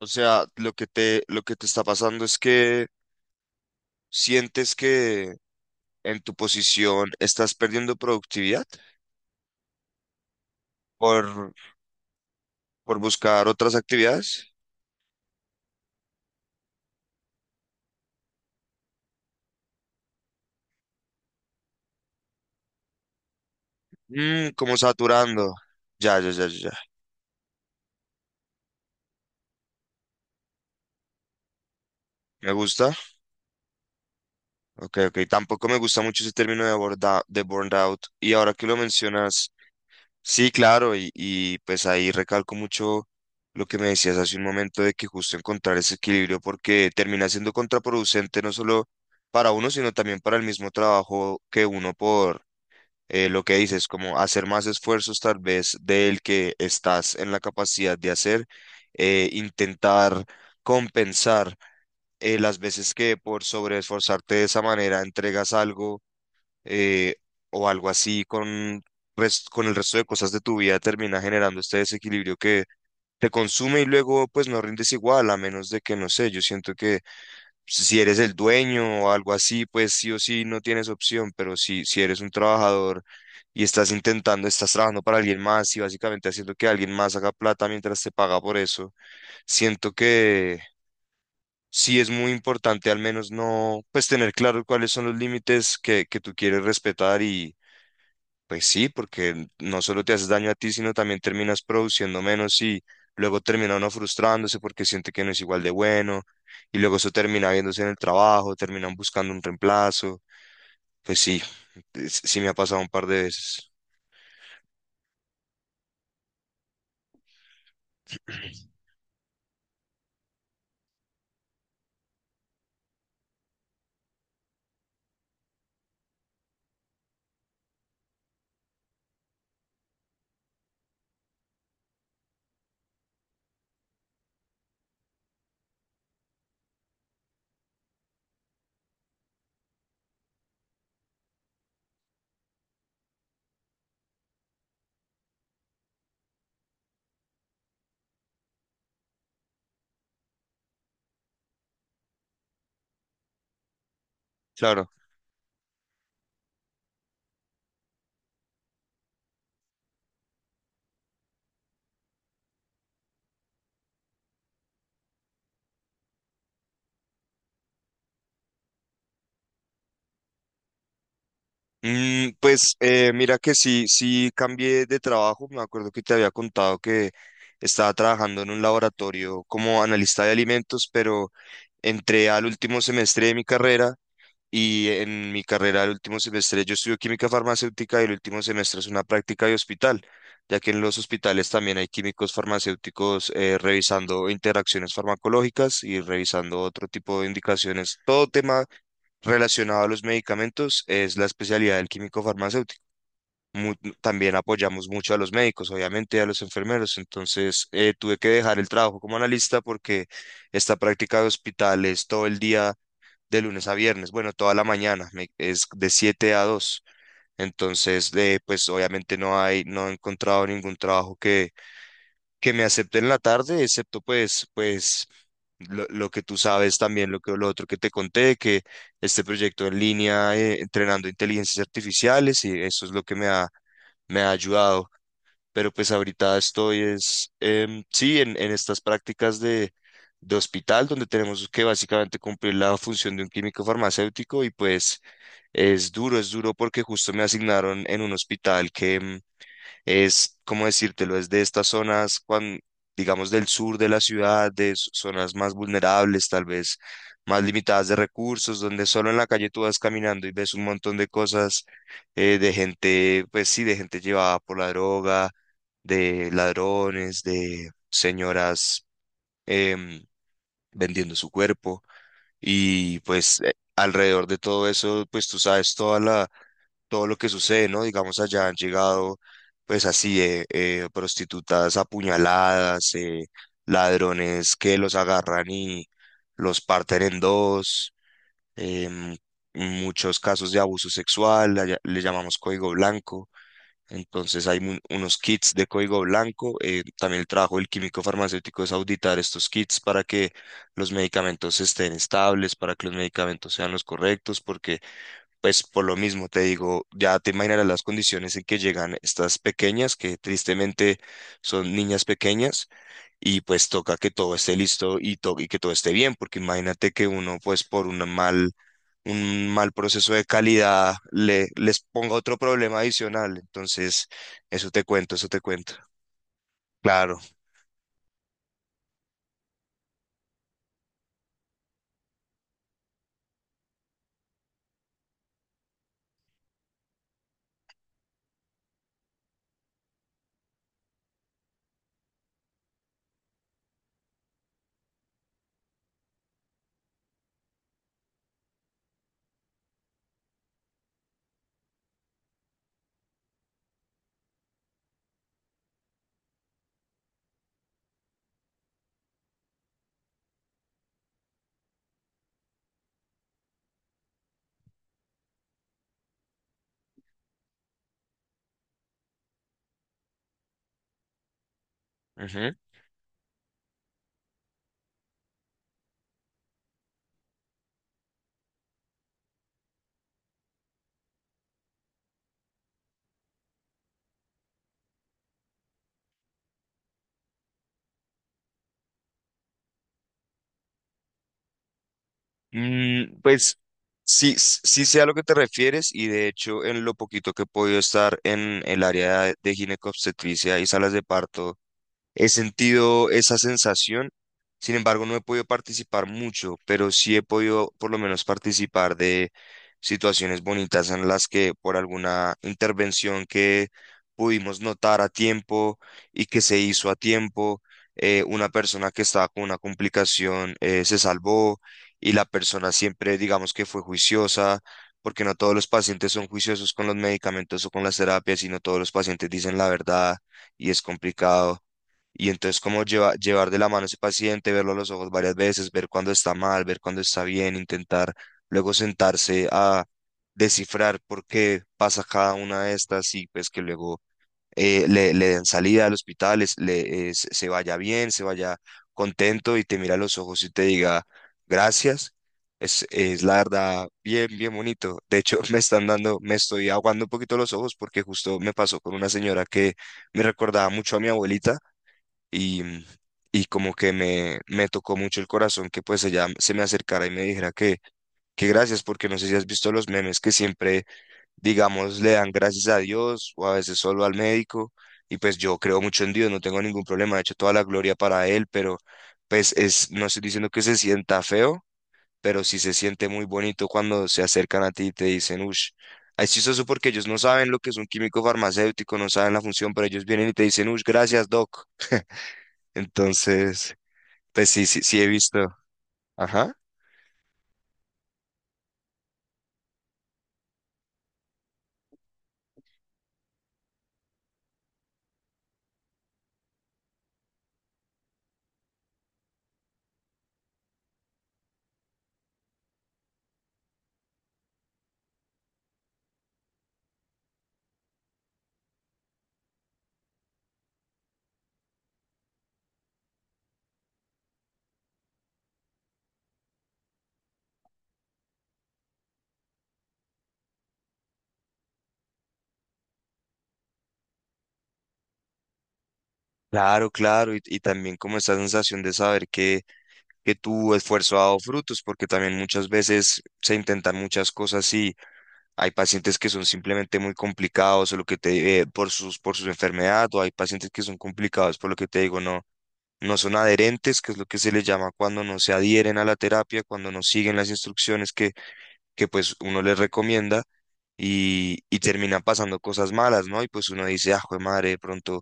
O sea, lo que te está pasando es que sientes que en tu posición estás perdiendo productividad por, por buscar otras actividades. Como saturando. Ya, ya, ya, ya, ya. Me gusta. Ok, ok. Tampoco me gusta mucho ese término de burnout. Y ahora que lo mencionas. Sí, claro, y pues ahí recalco mucho lo que me decías hace un momento de que justo encontrar ese equilibrio porque termina siendo contraproducente no solo para uno, sino también para el mismo trabajo que uno por lo que dices, como hacer más esfuerzos tal vez del que estás en la capacidad de hacer, intentar compensar las veces que por sobreesforzarte de esa manera entregas algo eh, o algo así con el resto de cosas de tu vida termina generando este desequilibrio que te consume y luego pues no rindes igual, a menos de que, no sé, yo siento que si eres el dueño o algo así, pues sí o sí no tienes opción, pero si eres un trabajador y estás trabajando para alguien más y básicamente haciendo que alguien más haga plata mientras te paga por eso, siento que... Sí, es muy importante al menos no, pues tener claro cuáles son los límites que tú quieres respetar, pues sí, porque no solo te haces daño a ti, sino también terminas produciendo menos y luego termina uno frustrándose porque siente que no es igual de bueno y luego eso termina viéndose en el trabajo, terminan buscando un reemplazo. Pues sí, sí me ha pasado un par de veces. Claro. Pues mira que sí cambié de trabajo. Me acuerdo que te había contado que estaba trabajando en un laboratorio como analista de alimentos, pero... Entré al último semestre de mi carrera y en mi carrera al último semestre yo estudio química farmacéutica, y el último semestre es una práctica de hospital, ya que en los hospitales también hay químicos farmacéuticos revisando interacciones farmacológicas y revisando otro tipo de indicaciones. Todo tema relacionado a los medicamentos es la especialidad del químico farmacéutico. mu- También apoyamos mucho a los médicos, obviamente, y a los enfermeros. Entonces, tuve que dejar el trabajo como analista porque esta práctica de hospital todo el día, de lunes a viernes, bueno, toda la mañana, es de 7 a 2. Entonces, pues obviamente no hay, no he encontrado ningún trabajo que me acepte en la tarde, excepto pues, pues lo que tú sabes también, lo que lo otro que te conté, que este proyecto en línea, entrenando inteligencias artificiales, y eso es lo que me ha ayudado. Pero pues ahorita estoy es, sí, en estas prácticas de hospital, donde tenemos que básicamente cumplir la función de un químico farmacéutico y pues es duro porque justo me asignaron en un hospital que... Es, ¿cómo decírtelo? Es de estas zonas, digamos, del sur de la ciudad, de zonas más vulnerables, tal vez más limitadas de recursos, donde solo en la calle tú vas caminando y ves un montón de cosas, de gente, pues sí, de gente llevada por la droga, de ladrones, de señoras, em, vendiendo su cuerpo. Y pues alrededor de todo eso, pues tú sabes toda la todo lo que sucede, ¿no? Digamos, allá han llegado, pues así, prostitutas apuñaladas, ladrones que los agarran y los parten en dos, em, muchos casos de abuso sexual, allá le llamamos código blanco. Entonces hay unos kits de código blanco. También el trabajo del químico farmacéutico es auditar estos kits para que los medicamentos estén estables, para que los medicamentos sean los correctos, porque pues por lo mismo te digo, ya te imaginarás las condiciones en que llegan estas pequeñas, que tristemente son niñas pequeñas, y pues toca que todo esté listo y, y que todo esté bien, porque imagínate que uno pues por un mal proceso de calidad le, les ponga otro problema adicional. Entonces, eso te cuento, eso te cuento. Claro. Ujú. Pues sí, sí sé a lo que te refieres, y de hecho en lo poquito que he podido estar en el área de ginecobstetricia y salas de parto, he sentido esa sensación. Sin embargo, no he podido participar mucho, pero sí he podido por lo menos participar de situaciones bonitas en las que por alguna intervención que pudimos notar a tiempo y que se hizo a tiempo, una persona que estaba con una complicación, se salvó, y la persona siempre digamos que fue juiciosa, porque no todos los pacientes son juiciosos con los medicamentos o con las terapias, sino todos los pacientes dicen la verdad, y es complicado. Y entonces como llevar de la mano a ese paciente, verlo a los ojos varias veces, ver cuándo está mal, ver cuándo está bien, intentar luego sentarse a descifrar por qué pasa cada una de estas y pues que luego le den salida al hospital, es- le, se se vaya bien, se vaya contento y te mira a los ojos y te diga gracias. Es la verdad bien, bien bonito. De hecho, me estoy aguando un poquito los ojos porque justo me pasó con una señora que me recordaba mucho a mi abuelita, y, y como que me tocó mucho el corazón que pues ella se me acercara y me dijera que gracias, porque no sé si has visto los memes que siempre, digamos, le dan gracias a Dios o a veces solo al médico, y pues yo creo mucho en Dios, no tengo ningún problema, de hecho toda la gloria para Él, pero pues es, no estoy diciendo que se sienta feo, pero sí se siente muy bonito cuando se acercan a ti y te dicen, ush. Es chistoso porque ellos no saben lo que es un químico farmacéutico, no saben la función, pero ellos vienen y te dicen, ush, gracias, doc. Entonces, pues sí, sí, sí he visto. Ajá. Claro, claro. Y también como esa sensación de saber que tu esfuerzo ha dado frutos, porque también muchas veces se intentan muchas cosas y hay pacientes que son simplemente muy complicados o lo que te por sus enfermedades, o hay pacientes que son complicados por lo que te digo, no, no son adherentes, que es lo que se les llama cuando no se adhieren a la terapia, cuando no siguen las instrucciones que pues uno les recomienda, y terminan pasando cosas malas, ¿no? Y pues uno dice, ah, jue madre, de pronto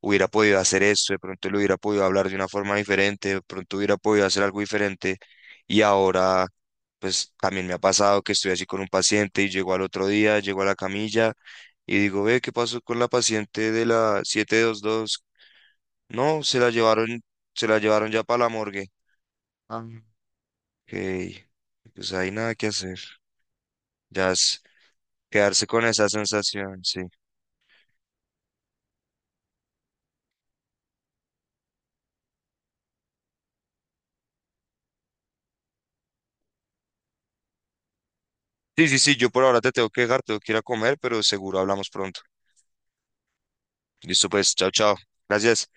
hubiera podido hacer esto, de pronto le hubiera podido hablar de una forma diferente, de pronto hubiera podido hacer algo diferente. Y ahora, pues también me ha pasado que estoy así con un paciente y llego al otro día, llego a la camilla y digo, ve, ¿qué pasó con la paciente de la 722? No, se la llevaron ya para la morgue. Ah, ok, pues hay nada que hacer, ya es quedarse con esa sensación, sí. Sí, sí, sí, yo por ahora te tengo que dejar, tengo que ir a comer, pero seguro hablamos pronto. Listo, pues, chao, chao. Gracias.